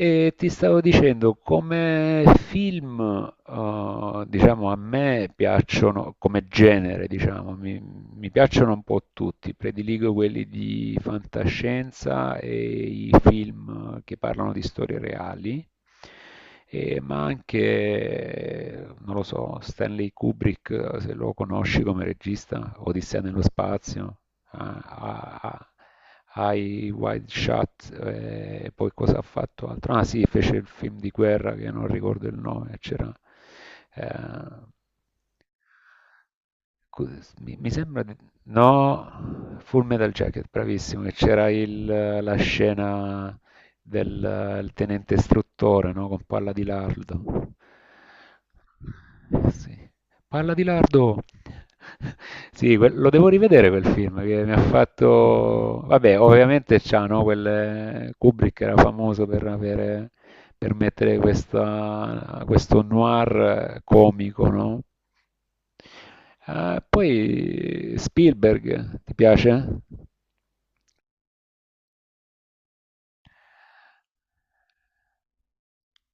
E ti stavo dicendo, come film, diciamo, a me piacciono, come genere, diciamo, mi piacciono un po' tutti, prediligo quelli di fantascienza e i film che parlano di storie reali, ma anche, non lo so, Stanley Kubrick, se lo conosci come regista, Odissea nello spazio a- a- ai Wild Shot, poi cosa ha fatto altro? Ah sì, fece il film di guerra che non ricordo il nome, c'era... eh, Scusa, mi sembra di... No, Full Metal Jacket, bravissimo, che c'era la scena del il tenente istruttore, no? Con palla di lardo. Sì. Palla di lardo. Sì, lo devo rivedere quel film che mi ha fatto... Vabbè, ovviamente c'ha, no? Quel... Kubrick era famoso per avere... per mettere questa... questo noir comico, no? Ah, poi Spielberg, ti piace?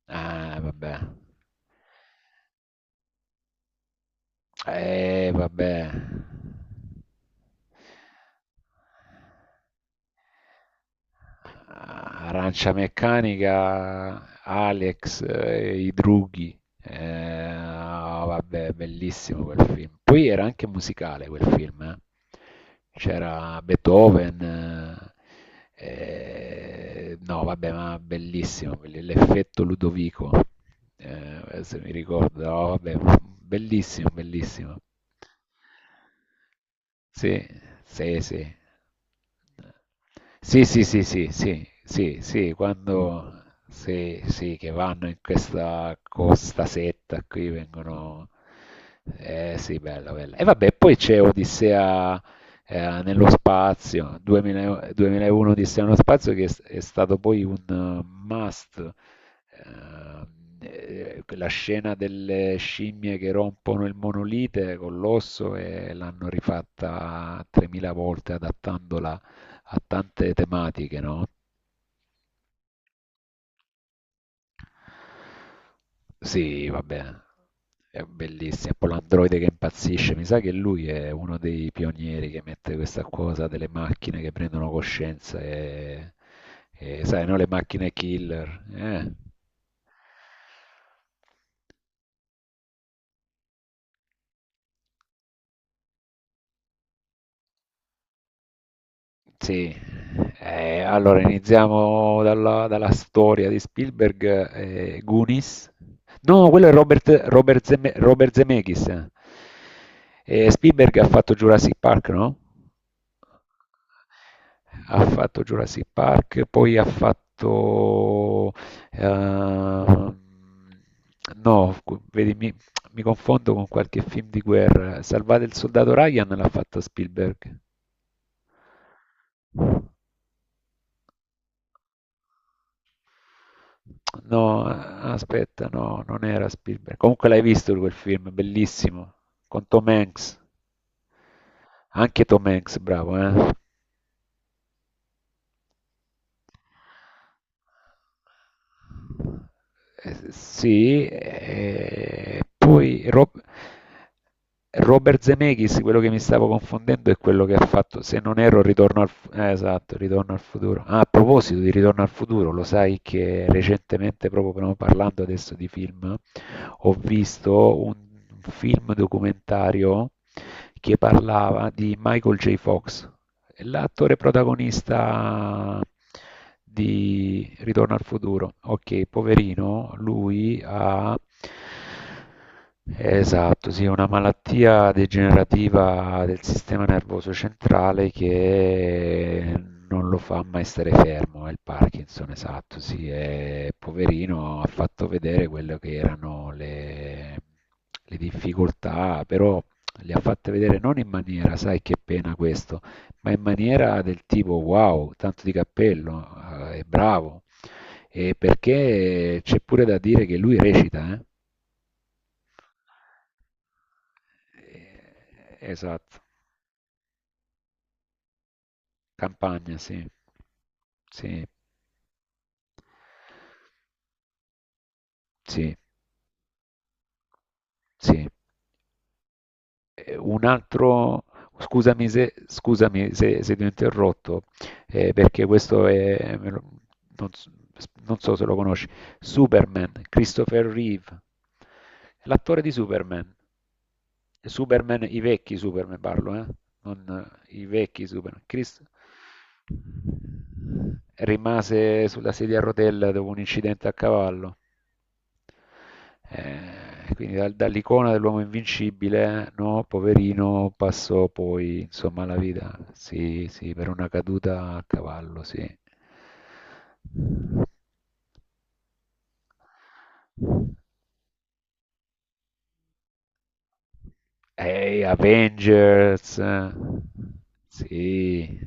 Ah, vabbè. Vabbè. Arancia Meccanica, Alex, i drughi. Ah, vabbè, bellissimo quel film. Poi era anche musicale quel film, eh. C'era Beethoven. eh, no, vabbè, ma bellissimo, l'effetto Ludovico. Se mi ricordo, no, vabbè, bellissimo, bellissimo. Sì, sì, sì. Sì, sì, sì, sì, sì, sì, sì, quando sì, sì, che vanno in questa costa setta qui vengono. Eh sì, bella, bella. E vabbè, poi c'è Odissea nello spazio, 2000 2001 Odissea nello spazio che è stato poi un must. Ehm, la scena delle scimmie che rompono il monolite con l'osso e l'hanno rifatta 3000 volte adattandola a tante tematiche, no? Sì, vabbè, è bellissimo. Poi l'androide che impazzisce, mi sa che lui è uno dei pionieri che mette questa cosa delle macchine che prendono coscienza e sai, no, le macchine killer, eh? Sì, allora iniziamo dalla storia di Spielberg, Goonies. No, quello è Robert Zemeckis. Spielberg ha fatto Jurassic Park, no? Ha fatto Jurassic Park, poi ha fatto, ehm, no, cu vedi mi confondo con qualche film di guerra. Salvate il soldato Ryan l'ha fatto Spielberg. No, aspetta, no, non era Spielberg. Comunque l'hai visto quel film, bellissimo, con Tom Hanks. Anche Tom Hanks, bravo, eh? Sì, e poi Robert Zemeckis, quello che mi stavo confondendo è quello che ha fatto, se non erro, esatto, Ritorno al futuro. Ah, a proposito di Ritorno al futuro, lo sai che recentemente, proprio però parlando adesso di film, ho visto un film documentario che parlava di Michael J. Fox. L'attore protagonista di Ritorno al futuro. Ok, poverino, lui ha... Esatto, sì, una malattia degenerativa del sistema nervoso centrale che non lo fa mai stare fermo, è il Parkinson, esatto, sì, è poverino, ha fatto vedere quello che erano le difficoltà, però le ha fatte vedere non in maniera, sai che pena questo, ma in maniera del tipo wow, tanto di cappello, è bravo, e perché c'è pure da dire che lui recita, eh? Esatto, campagna, sì, sì, sì, sì. Un altro, scusami se, se ti ho interrotto, perché questo è, me non, non so se lo conosci, Superman, Christopher Reeve, l'attore di Superman, Superman, i vecchi Superman parlo, eh? Non, i vecchi Superman. Chris rimase sulla sedia a rotella dopo un incidente a cavallo. Quindi dall'icona dell'uomo invincibile, no, poverino, passò poi insomma alla vita. Sì, sì, per una caduta a cavallo, sì. Ehi, Avengers. Sì.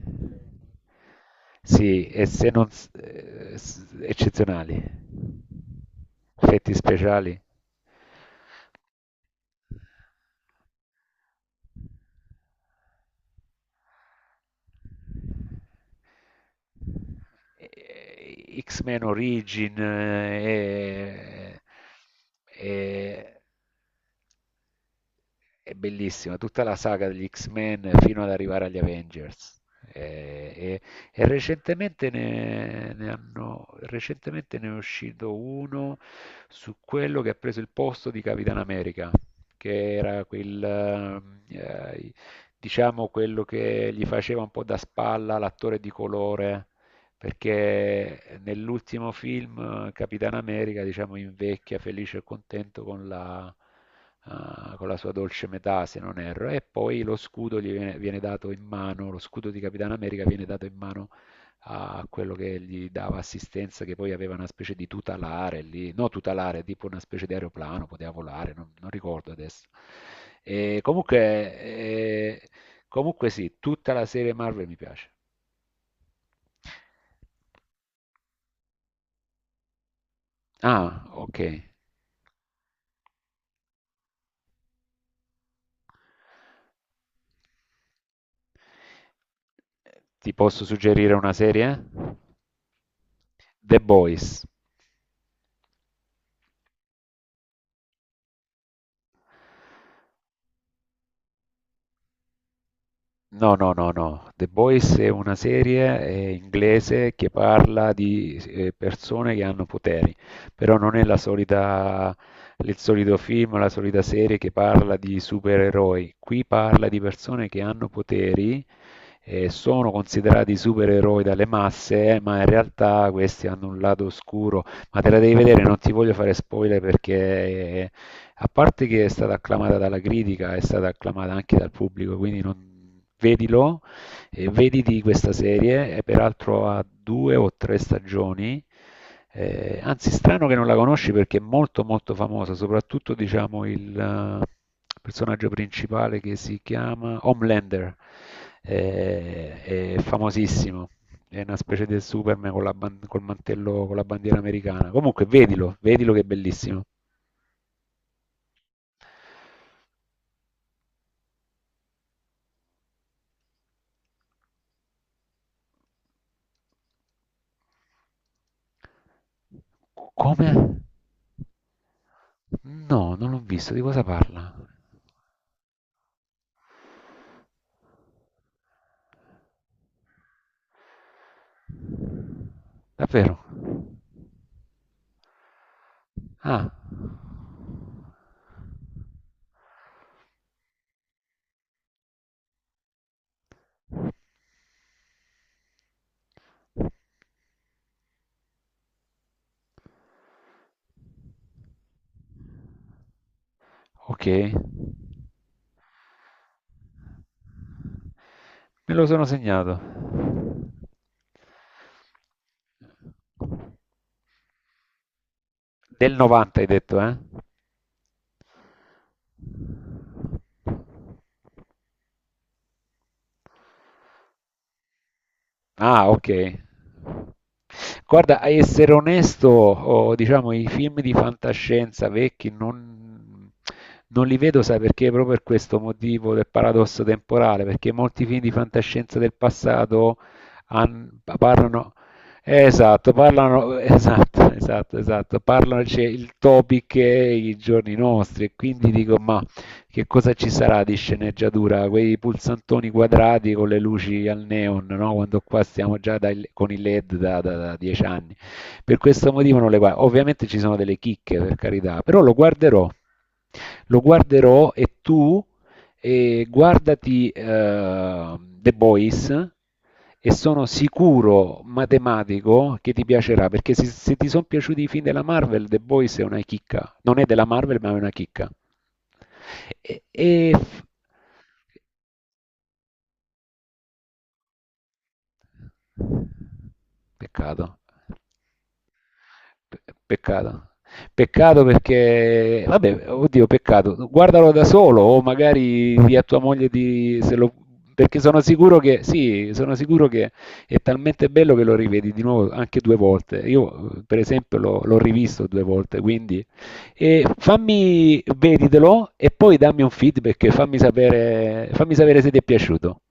Sì, e se non... eccezionali. Effetti speciali. X-Men Origin eh, è bellissima, tutta la saga degli X-Men fino ad arrivare agli Avengers. Eh, E, e recentemente, ne hanno, recentemente ne è uscito uno su quello che ha preso il posto di Capitan America, che era quel, eh, diciamo quello che gli faceva un po' da spalla l'attore di colore perché nell'ultimo film Capitan America, diciamo, invecchia felice e contento con la, con la sua dolce metà, se non erro, e poi lo scudo gli viene dato in mano, lo scudo di Capitan America viene dato in mano a quello che gli dava assistenza, che poi aveva una specie di tutelare lì, no tutelare, tipo una specie di aeroplano, poteva volare, non ricordo adesso. E comunque, eh, comunque sì, tutta la serie Marvel mi piace. Ah, ok. Ti posso suggerire una serie? The Boys. No, no, no, no. The Boys è una serie inglese che parla di persone che hanno poteri, però non è la solita, il solito film, la solita serie che parla di supereroi. Qui parla di persone che hanno poteri sono considerati supereroi dalle masse, ma in realtà questi hanno un lato oscuro, ma te la devi vedere, non ti voglio fare spoiler perché a parte che è stata acclamata dalla critica, è stata acclamata anche dal pubblico, quindi vedilo e vediti questa serie, è peraltro a due o tre stagioni. Anzi, strano che non la conosci perché è molto molto famosa, soprattutto diciamo il personaggio principale che si chiama Homelander, eh, è famosissimo. È una specie del Superman con la, col mantello, con la bandiera americana. Comunque, vedilo, vedilo che è bellissimo. Come? No, non l'ho visto. Di cosa parla? Davvero? Ah, ok. Me lo sono segnato. Del 90 hai detto, eh? Ah, ok. Guarda, a essere onesto, oh, diciamo, i film di fantascienza vecchi non li vedo, sai perché? Proprio per questo motivo del paradosso temporale, perché molti film di fantascienza del passato parlano, esatto, parlano, esatto, esatto, esatto, parlano, c'è il topic e i giorni nostri, e quindi dico, ma che cosa ci sarà di sceneggiatura? Quei pulsantoni quadrati con le luci al neon, no? Quando qua stiamo già con i LED da, da- da 10 anni. Per questo motivo non le guardo. Ovviamente ci sono delle chicche, per carità, però lo guarderò. Lo guarderò e tu e guardati The Boys e sono sicuro matematico che ti piacerà perché se ti sono piaciuti i film della Marvel The Boys è una chicca non è della Marvel ma è una chicca e, e- peccato. Pe- Peccato. Peccato perché, vabbè, oddio, peccato. Guardalo da solo o magari di a tua moglie di, se lo- perché sono sicuro che, sì, sono sicuro che è talmente bello che lo rivedi di nuovo anche due volte. Io, per esempio, l'ho rivisto due volte, quindi e fammi, veditelo e poi dammi un feedback, fammi sapere se ti è piaciuto.